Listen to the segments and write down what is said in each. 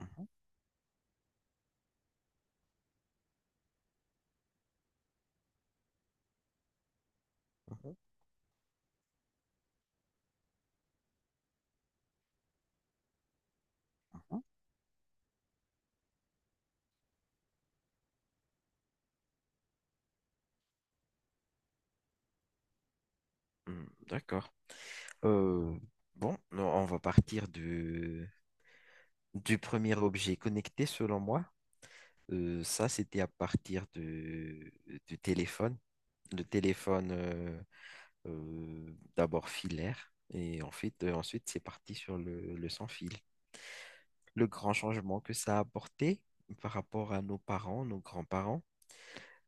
Mhm, mhm, mhm. Hmm, d'accord. Euh, Bon, non, on va partir du premier objet connecté selon moi. Ça, c'était à partir du téléphone. Le téléphone, d'abord filaire et ensuite, c'est parti sur le sans fil. Le grand changement que ça a apporté par rapport à nos parents, nos grands-parents.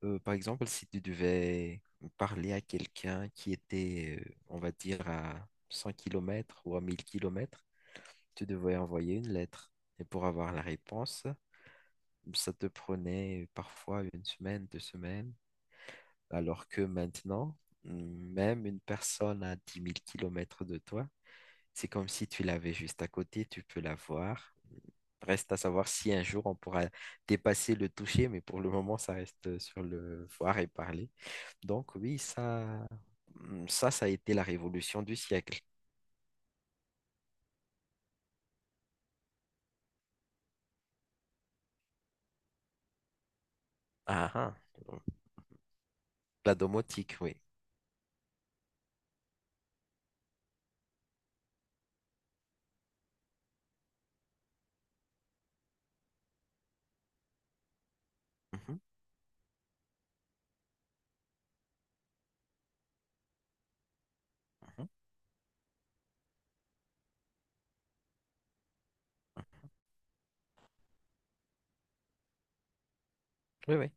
Par exemple, si tu devais parler à quelqu'un qui était, on va dire, à 100 kilomètres ou à 1 000 kilomètres, tu devais envoyer une lettre. Et pour avoir la réponse, ça te prenait parfois une semaine, 2 semaines, alors que maintenant, mm, même une personne à 10 000 kilomètres de toi, c'est comme si tu l'avais juste à côté, tu peux la voir. Reste à savoir si un jour on pourra dépasser le toucher, mais pour le moment, ça reste sur le voir et parler. Donc oui, ça a été la révolution du siècle. Ah, ah. La domotique, oui. Mhm, mhm. Oui, oui.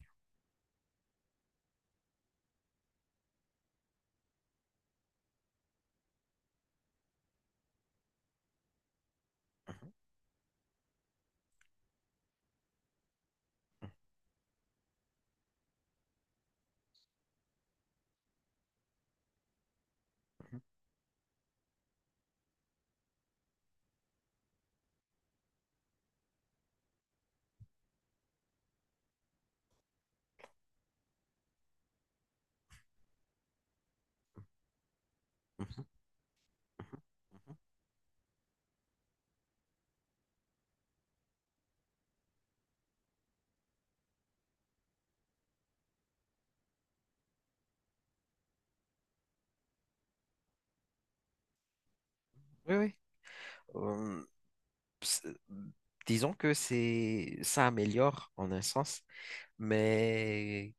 Mhm, mhm, mhm, mhm, mhm. Oui, oui. Euh, c'est- disons que ça améliore en un sens, mais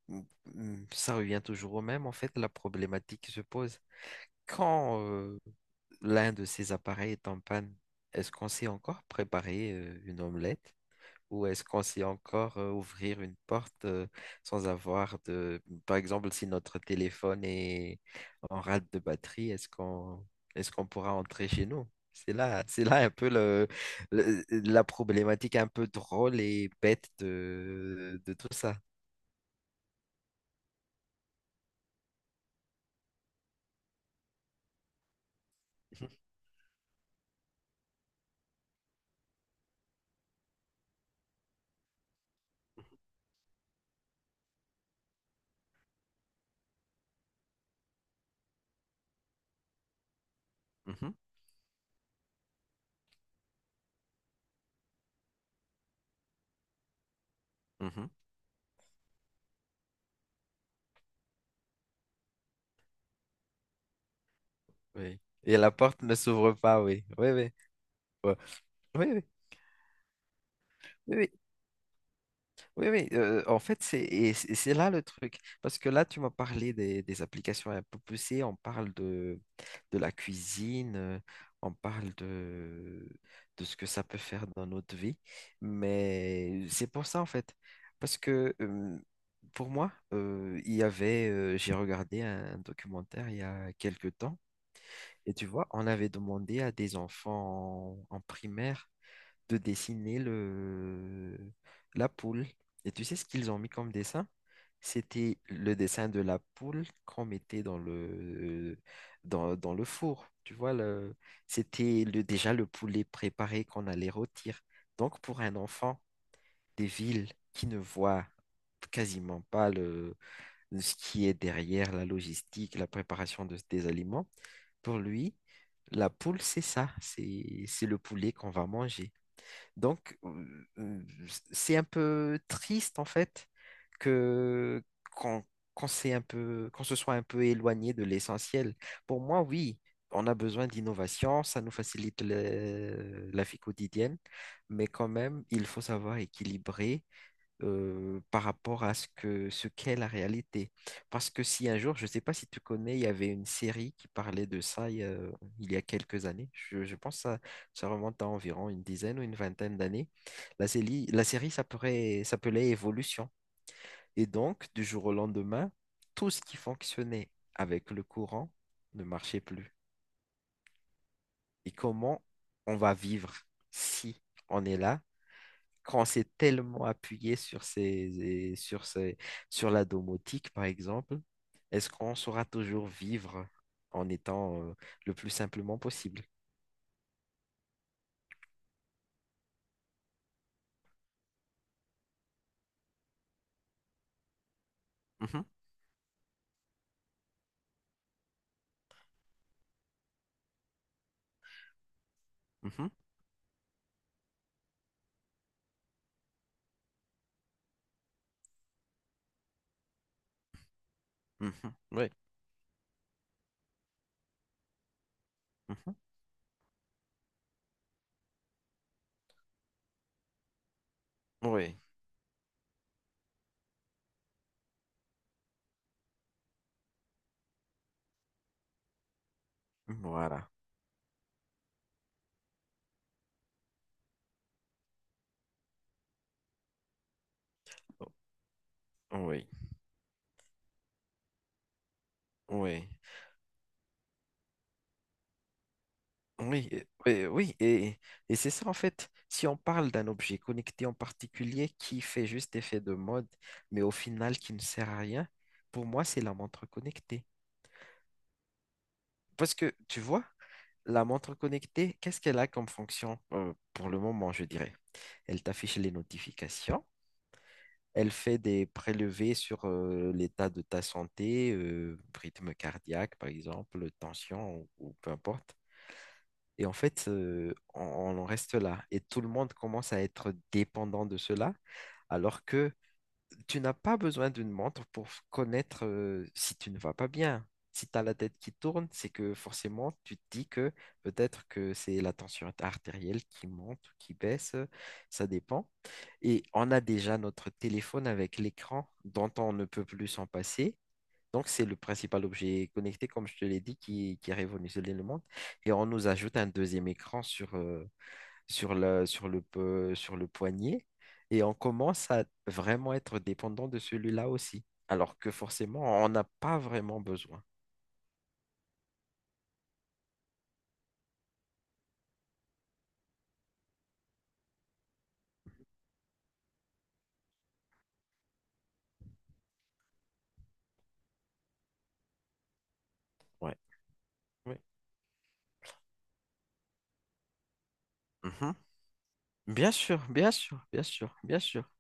ça revient toujours au même. En fait, la problématique se pose quand l'un de ces appareils est en panne. Est-ce qu'on sait encore préparer une omelette? Ou est-ce qu'on sait encore ouvrir une porte sans avoir de. Par exemple, si notre téléphone est en rade de batterie, est-ce qu'on pourra entrer chez nous? C'est là un peu la problématique un peu drôle et bête de tout ça. Mhm, mhm. Oui. Et la porte ne s'ouvre pas, oui. Oui, oui. Ouais. Oui, oui. Oui, oui. Oui, oui, en fait, c'est là le truc. Parce que là, tu m'as parlé des applications un peu poussées. On parle de la cuisine, on parle de ce que ça peut faire dans notre vie. Mais c'est pour ça, en fait. Parce que pour moi, j'ai regardé un documentaire il y a quelques temps. Et tu vois, on avait demandé à des enfants en primaire de dessiner la poule. Et tu sais ce qu'ils ont mis comme dessin? C'était le dessin de la poule qu'on mettait dans le four. Tu vois, c'était déjà le poulet préparé qu'on allait rôtir. Donc, pour un enfant des villes qui ne voit quasiment pas ce qui est derrière la logistique, la préparation des aliments, pour lui, la poule, c'est ça, c'est le poulet qu'on va manger. Donc, c'est un peu triste en fait que qu'on qu'on s'est un peu, qu'on se soit un peu éloigné de l'essentiel. Pour moi, oui, on a besoin d'innovation, ça nous facilite la vie quotidienne, mais quand même, il faut savoir équilibrer par rapport à ce qu'est la réalité. Parce que si un jour, je ne sais pas si tu connais, il y avait une série qui parlait de ça il y a quelques années. Je pense que ça remonte à environ une dizaine ou une vingtaine d'années. La série s'appelait Évolution. Et donc, du jour au lendemain, tout ce qui fonctionnait avec le courant ne marchait plus. Et comment on va vivre si on est là quand on s'est tellement appuyé sur la domotique, par exemple, est-ce qu'on saura toujours vivre en étant le plus simplement possible? Mhm, mhm, mhm, oui, mhm, oui, voilà. Oui, oui, oui, oui, oui, et c'est ça en fait. Si on parle d'un objet connecté en particulier qui fait juste effet de mode, mais au final qui ne sert à rien, pour moi, c'est la montre connectée. Parce que tu vois, la montre connectée, qu'est-ce qu'elle a comme fonction pour le moment, je dirais? Elle t'affiche les notifications, elle fait des prélevés sur l'état de ta santé, rythme cardiaque par exemple, tension ou peu importe. Et en fait, on en reste là. Et tout le monde commence à être dépendant de cela, alors que tu n'as pas besoin d'une montre pour connaître si tu ne vas pas bien. Si tu as la tête qui tourne, c'est que forcément, tu te dis que peut-être que c'est la tension artérielle qui monte ou qui baisse, ça dépend. Et on a déjà notre téléphone avec l'écran dont on ne peut plus s'en passer. Donc, c'est le principal objet connecté, comme je te l'ai dit, qui a révolutionné le monde. Et on nous ajoute un deuxième écran sur le poignet et on commence à vraiment être dépendant de celui-là aussi, alors que forcément, on n'a pas vraiment besoin. Ouais. Oui. Mhm. Bien sûr, bien sûr, bien sûr, bien sûr.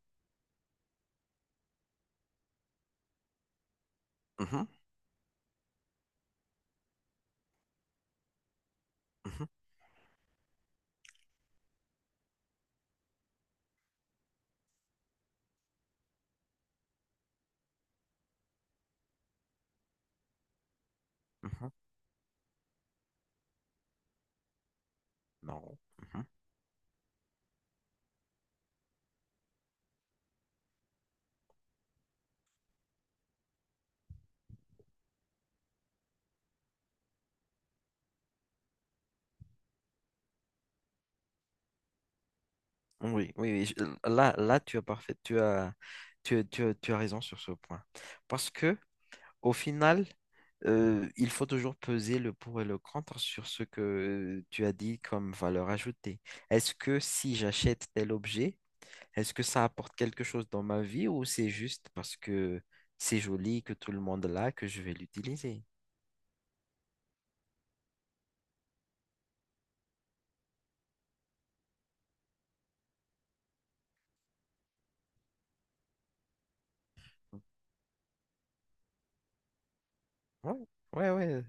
Mhm, mhm, mhm. Non. Mhm. Oui, oui, oui, Là, tu as parfait, tu as raison sur ce point. Parce que au final, il faut toujours peser le pour et le contre sur ce que tu as dit comme valeur ajoutée. Est-ce que si j'achète tel objet, est-ce que ça apporte quelque chose dans ma vie ou c'est juste parce que c'est joli, que tout le monde l'a, que je vais l'utiliser? Ouais, ouais, ouais.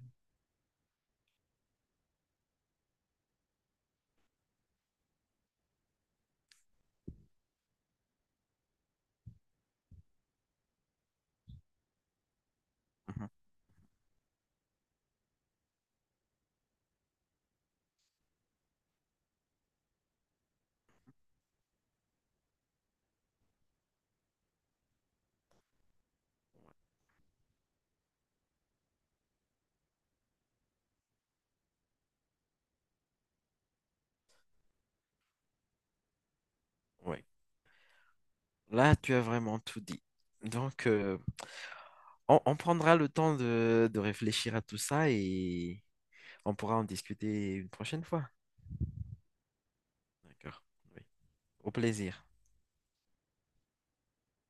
Mhm. Ouais. Là, tu as vraiment tout dit. Donc, on prendra le temps de réfléchir à tout ça et on pourra en discuter une prochaine fois. D'accord. Oui. Au plaisir.